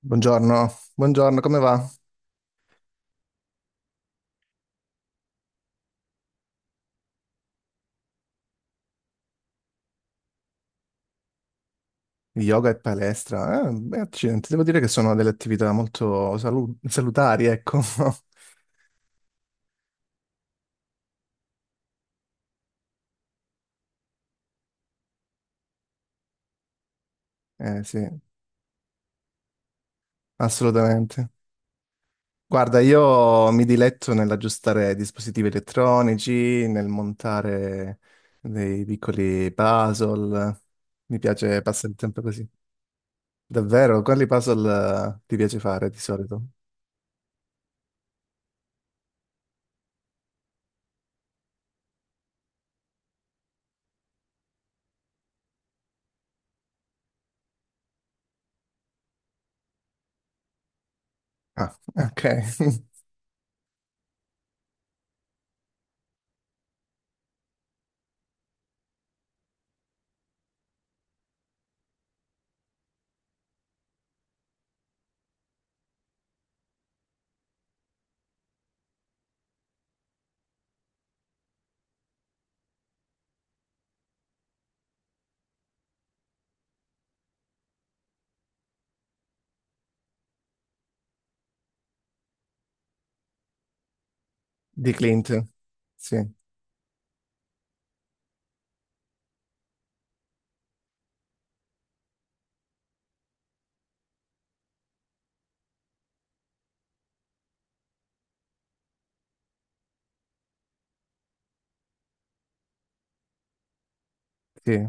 Buongiorno, buongiorno, come va? Yoga e palestra? Accidenti, devo dire che sono delle attività molto salutari, ecco. Eh sì, assolutamente. Guarda, io mi diletto nell'aggiustare dispositivi elettronici, nel montare dei piccoli puzzle. Mi piace passare il tempo così. Davvero? Quali puzzle ti piace fare di solito? Ah, ok. Di Clint. Sì, sì.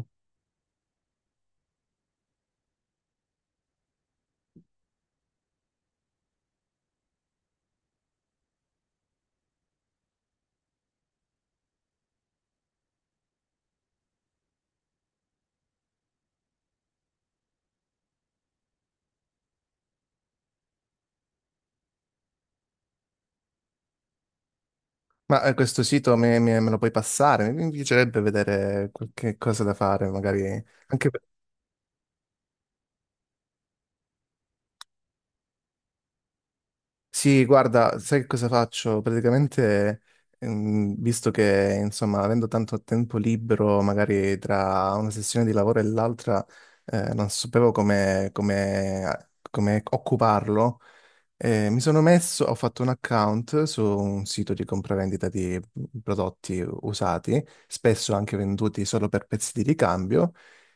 Ma questo sito me lo puoi passare? Mi piacerebbe vedere qualche cosa da fare, magari. Anche... per- Sì, guarda, sai che cosa faccio? Praticamente, visto che, insomma, avendo tanto tempo libero, magari tra una sessione di lavoro e l'altra, non sapevo come occuparlo. Mi sono messo, ho fatto un account su un sito di compravendita di prodotti usati, spesso anche venduti solo per pezzi di ricambio.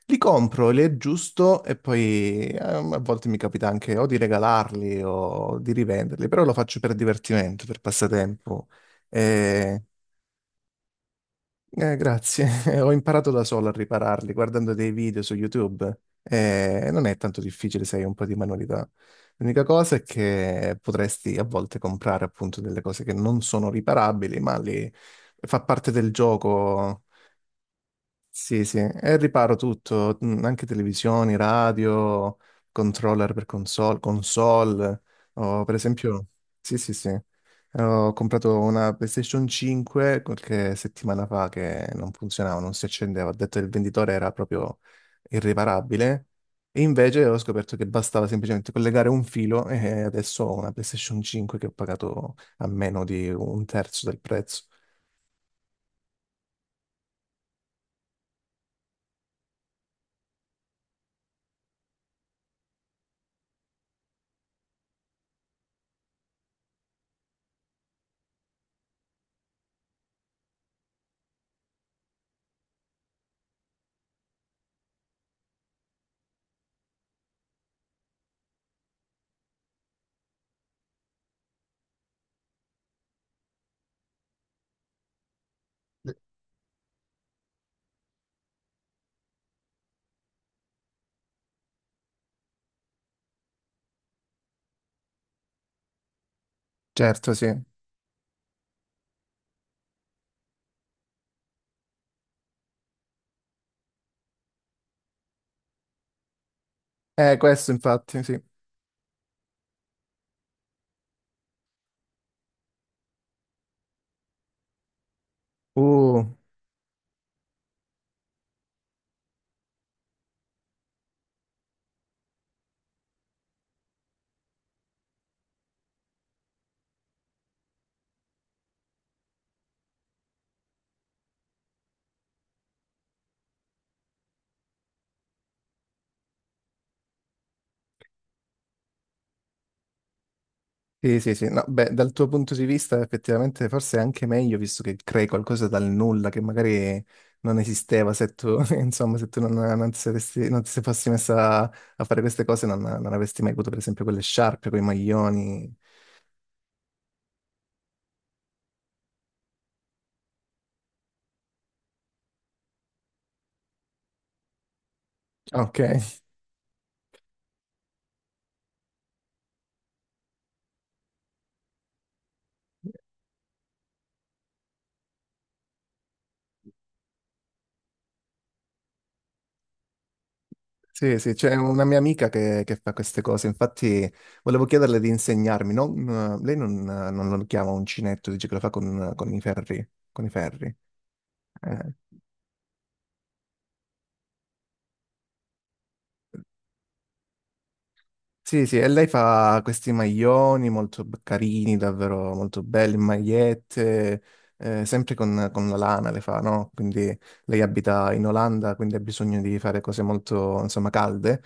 Li compro, li aggiusto e poi a volte mi capita anche o di regalarli o di rivenderli, però lo faccio per divertimento, per passatempo. Eh, grazie. Ho imparato da solo a ripararli guardando dei video su YouTube. Non è tanto difficile se hai un po' di manualità. L'unica cosa è che potresti a volte comprare appunto delle cose che non sono riparabili, ma lì fa parte del gioco. Sì, sì, e riparo tutto, anche televisioni, radio, controller per console, console. Ho, per esempio, sì, sì, sì, ho comprato una PlayStation 5 qualche settimana fa che non funzionava, non si accendeva. Ho detto che il venditore era proprio irriparabile e invece ho scoperto che bastava semplicemente collegare un filo e adesso ho una PlayStation 5 che ho pagato a meno di un terzo del prezzo. Certo, sì. Questo infatti, sì. Uh, sì, sì, sì, no, beh, dal tuo punto di vista effettivamente forse è anche meglio visto che crei qualcosa dal nulla che magari non esisteva se tu, insomma, se tu non, non ti saresti, non ti se fossi messa a fare queste cose non avresti mai avuto per esempio quelle sciarpe, quei maglioni. Ok, sì, sì, c'è una mia amica che fa queste cose, infatti volevo chiederle di insegnarmi, lei non lo chiama uncinetto, dice che lo fa con i ferri, con i ferri. Eh. Sì, sì, e lei fa questi maglioni molto carini, davvero molto belli, magliette, sempre con la lana le fa, no? Quindi lei abita in Olanda, quindi ha bisogno di fare cose molto, insomma, calde,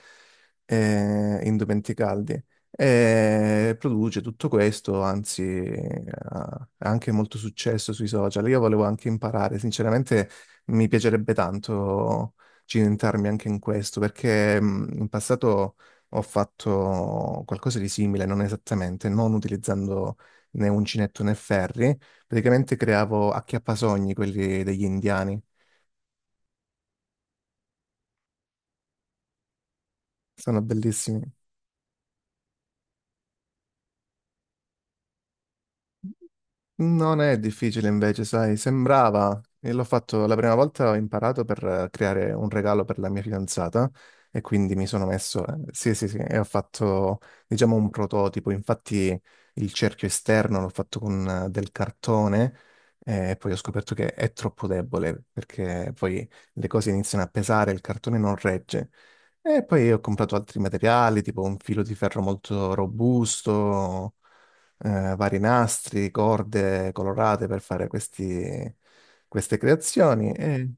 indumenti caldi. E produce tutto questo, anzi, ha anche molto successo sui social. Io volevo anche imparare, sinceramente mi piacerebbe tanto cimentarmi anche in questo, perché in passato... Ho fatto qualcosa di simile, non esattamente, non utilizzando né uncinetto né ferri. Praticamente creavo acchiappasogni, quelli degli indiani. Sono bellissimi. Non è difficile invece, sai, sembrava, e l'ho fatto la prima volta, ho imparato per creare un regalo per la mia fidanzata e quindi mi sono messo, sì, sì, sì, e ho fatto, diciamo, un prototipo, infatti il cerchio esterno l'ho fatto con del cartone e poi ho scoperto che è troppo debole perché poi le cose iniziano a pesare, il cartone non regge. E poi ho comprato altri materiali, tipo un filo di ferro molto robusto vari nastri, corde colorate per fare queste creazioni. E,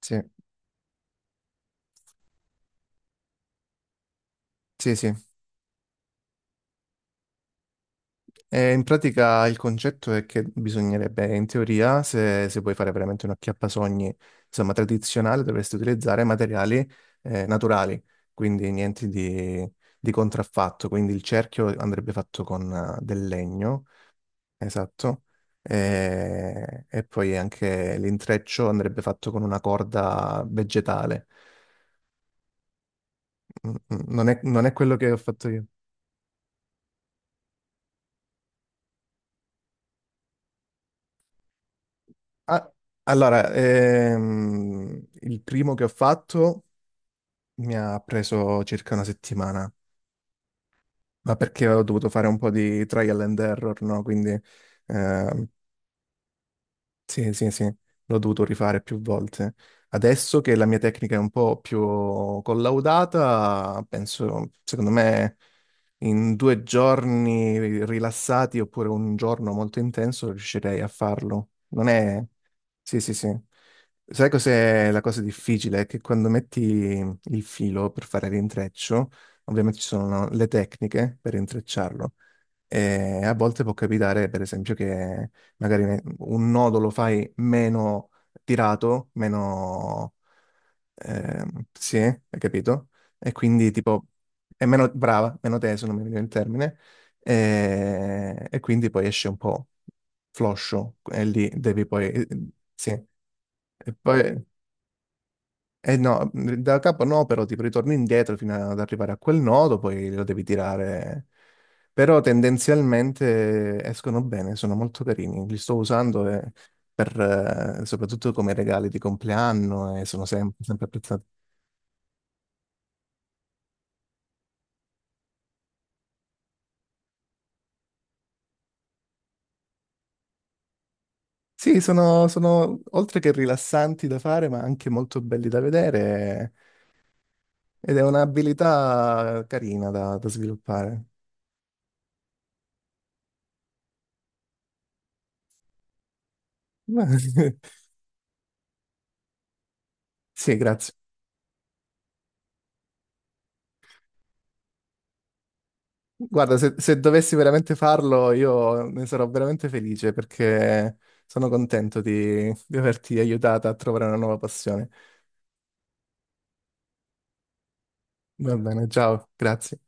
sì, sì, sì. E in pratica il concetto è che bisognerebbe, in teoria, se vuoi fare veramente un acchiappasogni, insomma, tradizionale, dovresti utilizzare materiali naturali, quindi niente di, di contraffatto. Quindi il cerchio andrebbe fatto con del legno. Esatto. E poi anche l'intreccio andrebbe fatto con una corda vegetale. Non è, non è quello che ho fatto io. Ah, allora, il primo che ho fatto mi ha preso circa una settimana, ma perché ho dovuto fare un po' di trial and error, no? Quindi ehm, sì, sì, sì, l'ho dovuto rifare più volte. Adesso che la mia tecnica è un po' più collaudata, penso, secondo me, in due giorni rilassati oppure un giorno molto intenso riuscirei a farlo. Non è... Sì, sì, sì. Sai cos'è la cosa difficile? È che quando metti il filo per fare l'intreccio, ovviamente ci sono le tecniche per intrecciarlo, e a volte può capitare, per esempio, che magari un nodo lo fai meno tirato, meno... sì, hai capito? E quindi tipo è meno brava, meno teso, non mi viene il termine, e quindi poi esce un po' floscio, e lì devi poi... Sì, e poi... Eh no, da capo no, però tipo ritorni indietro fino ad arrivare a quel nodo, poi lo devi tirare. Però tendenzialmente escono bene, sono molto carini. Li sto usando per, soprattutto come regali di compleanno e sono sempre apprezzati. Sì, sono, sono oltre che rilassanti da fare, ma anche molto belli da vedere ed è un'abilità carina da sviluppare. Sì, grazie. Guarda, se dovessi veramente farlo, io ne sarò veramente felice perché sono contento di averti aiutata a trovare una nuova passione. Va bene, ciao, grazie.